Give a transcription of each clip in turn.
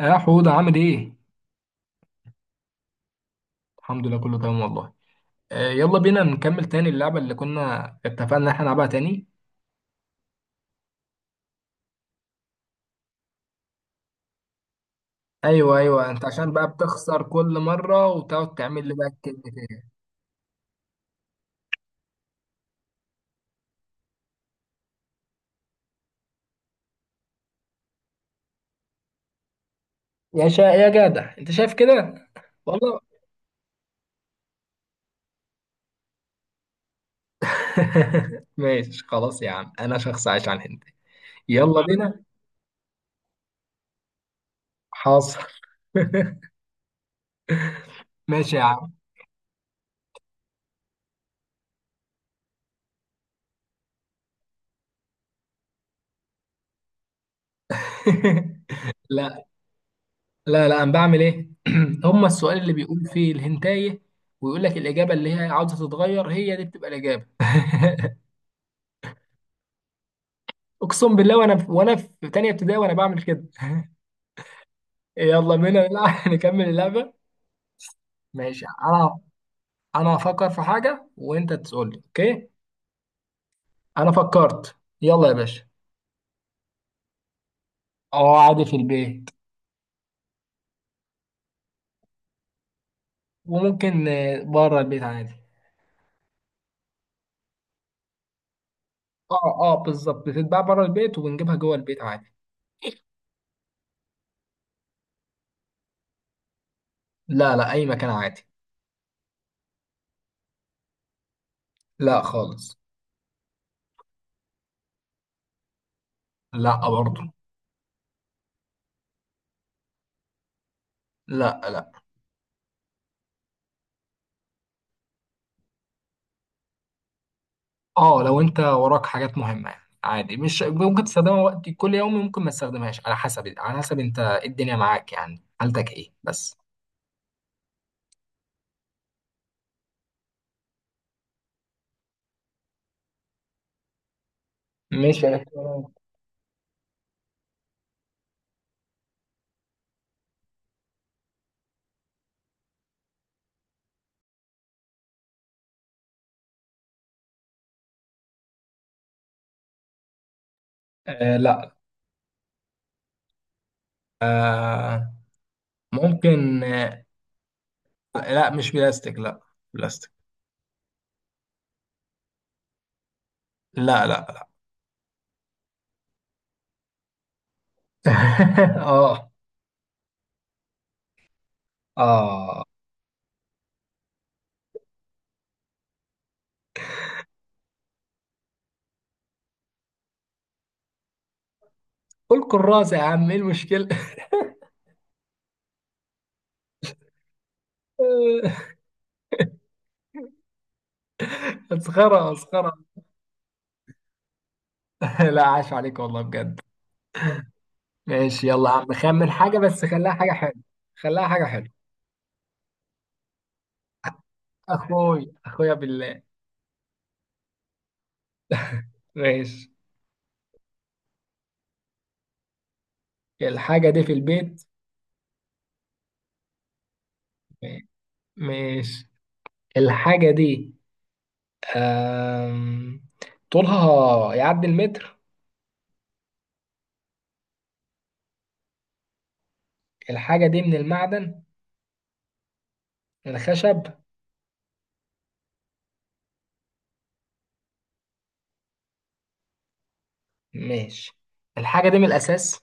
يا حوده، عامل ايه؟ الحمد لله، كله تمام والله. آه، يلا بينا نكمل تاني اللعبه اللي كنا اتفقنا ان احنا نلعبها تاني. ايوه ايوه، انت عشان بقى بتخسر كل مره وتقعد تعمل لي بقى كلمه تاني. يا جدع، انت شايف كده والله. ماشي خلاص يا عم، انا شخص عايش على الهند. يلا بينا. حاصل. ماشي يا عم. لا لا لا، انا بعمل ايه؟ هما السؤال اللي بيقول فيه الهنتايه ويقول لك الاجابه اللي هي عاوزه تتغير هي دي بتبقى الاجابه. اقسم بالله، وانا في تانية ابتدائي وانا بعمل كده. يلا بينا نلعب، نكمل اللعبة. ماشي. انا هفكر في حاجة وانت تقول لي اوكي. انا فكرت. يلا يا باشا. اه، عادي في البيت. وممكن بره البيت عادي. اه اه، بالظبط بتتباع بره البيت وبنجيبها جوه البيت عادي. لا لا، اي مكان عادي. لا خالص. لا برضه. لا لا. اه، لو انت وراك حاجات مهمه يعني عادي، مش ممكن تستخدمها وقت كل يوم، ممكن ما تستخدمهاش، على حسب على حسب انت إيه الدنيا معاك، يعني حالتك ايه بس. مش إلكترونيات. آه لا. آه. ممكن آه. لا، مش بلاستيك لا. بلاستيك. لا لا. اه. اه. قول كراسة يا عم، ايه المشكلة؟ مسخرة مسخرة. لا، عاش عليك والله بجد. ماشي، يلا يا عم، خمن حاجة بس خليها حاجة حلوة. خليها حاجة حلوة. اخويا بالله. ماشي. الحاجة دي في البيت. ماشي. الحاجة دي، آم... طولها يعدي المتر. الحاجة دي من المعدن. من الخشب. ماشي. الحاجة دي من الأساس.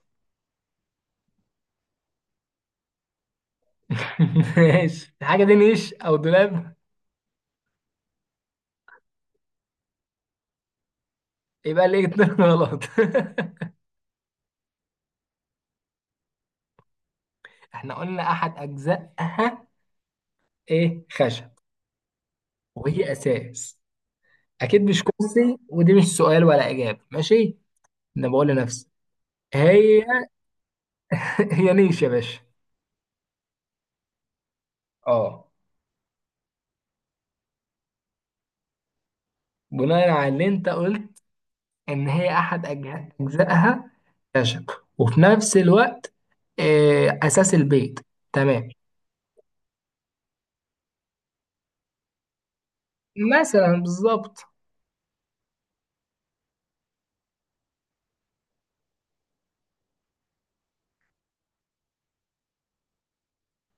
ماشي. الحاجة دي نيش أو دولاب؟ يبقى ليه اتنين غلط؟ احنا قلنا أحد أجزائها. إيه، خشب. وهي أساس. أكيد مش كرسي، ودي مش سؤال ولا إجابة. ماشي. أنا بقول لنفسي. هي. هي نيش يا باشا. اه. بناء على اللي انت قلت، ان هي احد اجزائها خشب، وفي نفس الوقت اساس البيت. تمام. مثلا بالظبط.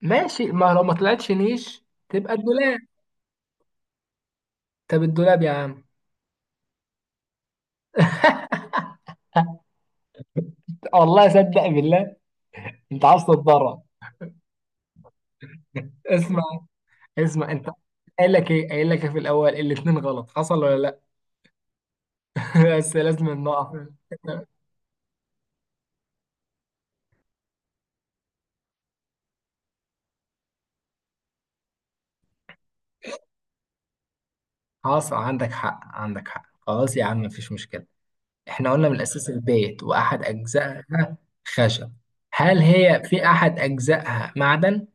ماشي. ما لو ما طلعتش نيش تبقى الدولاب. طب الدولاب يا عم. والله صدق بالله. انت عايز تتضرر؟ اسمع. اسمع انت. قايل لك ايه، قايل لك ايه، في الاول الاتنين غلط، حصل ولا لا؟ بس لازم نقف. حصل، عندك حق عندك حق، خلاص يا عم مفيش مشكلة. احنا قلنا من الأساس البيت وأحد أجزائها خشب. هل هي في أحد أجزائها معدن؟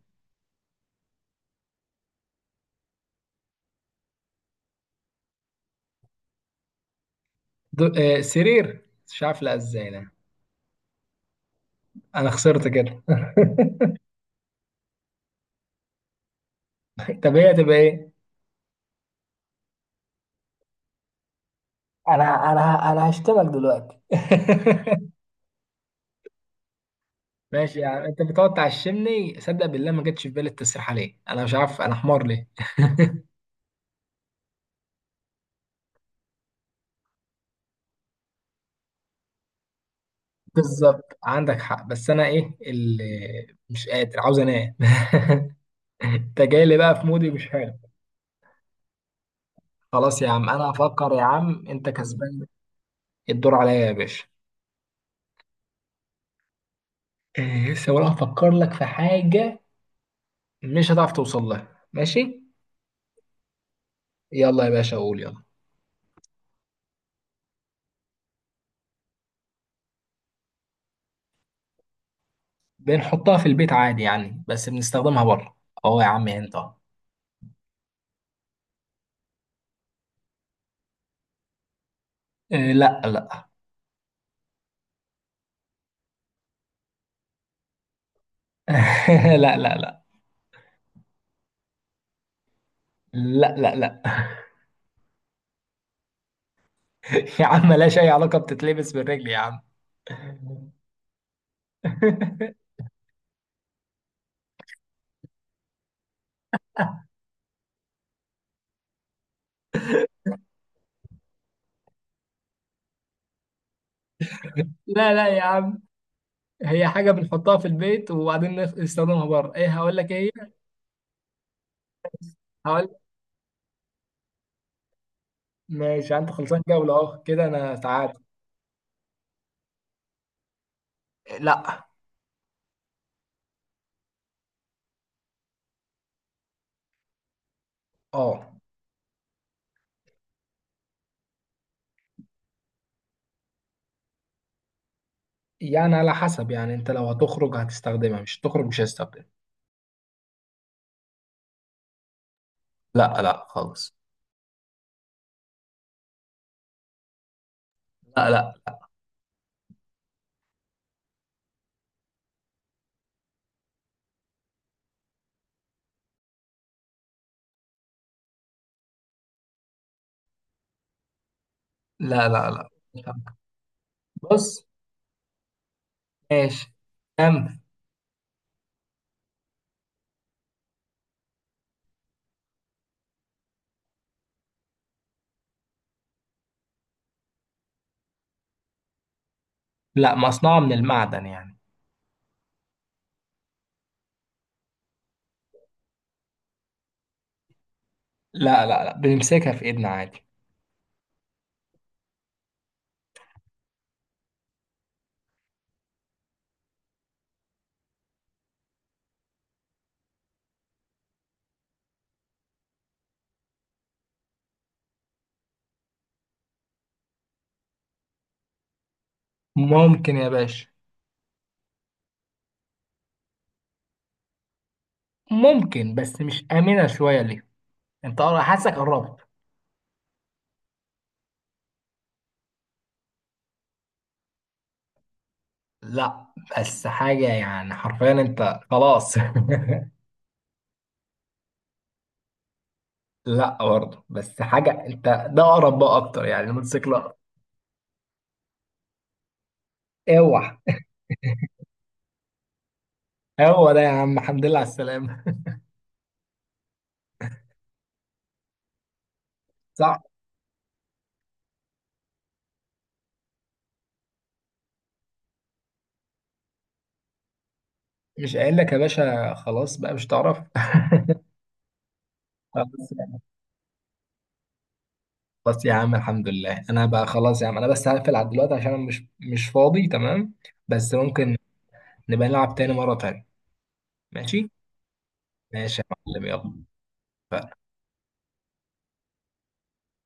دو... سرير، مش عارف لا ازاي ده. أنا خسرت كده. طب هي تبقى إيه؟ انا هشتمك دلوقتي. ماشي، يعني أنت بتقعد تعشمني، صدق بالله ما جتش في بالي التسريح عليه، أنا مش عارف أنا حمار ليه. بالظبط عندك حق، بس أنا إيه اللي مش قادر، عاوز أنام. أنت جاي لي بقى في مودي مش حلو. خلاص يا عم، انا هفكر، يا عم انت كسبان. الدور عليا يا باشا. إيه، لسه ولا هفكر لك في حاجة؟ مش هتعرف توصل لها، ماشي. يلا يا باشا، قول يلا. بنحطها في البيت عادي يعني، بس بنستخدمها بره. اهو يا عم، انت أهو. إيه، لا لا. لا لا لا. لا لا لا. يا عم، ملهاش اي علاقة، بتتلبس بالرجل يا عم. لا لا يا عم. هي حاجة بنحطها في البيت وبعدين نستخدمها بره، ايه هقول لك ايه هي؟ هقول. ماشي، انت خلصان جولة اهو كده انا تعادل. لا. اه يعني على حسب، يعني انت لو هتخرج هتستخدمها، مش هتخرج مش هتستخدمها. لا لا خالص. لا لا. لا لا لا. بص. ماشي. كم. لا، مصنوعة من المعدن يعني. لا لا لا، بنمسكها في ايدنا عادي. ممكن يا باشا. ممكن بس مش آمنة شوية ليه. انت حاسك قربت. لا، بس حاجة يعني حرفيا، انت خلاص. لا برضه، بس حاجة انت. ده اقرب بقى اكتر، يعني الموتوسيكل اقرب. اوعى. هو ده يا عم، الحمد لله على السلامة. صح. مش قايل لك يا باشا خلاص بقى، مش تعرف؟ خلاص يا عم. خلاص يا عم، الحمد لله. انا بقى خلاص يا عم، انا بس هقفل على دلوقتي عشان انا مش فاضي. تمام. بس ممكن نبقى نلعب تاني مرة تانية. ماشي. ماشي يا معلم، يلا.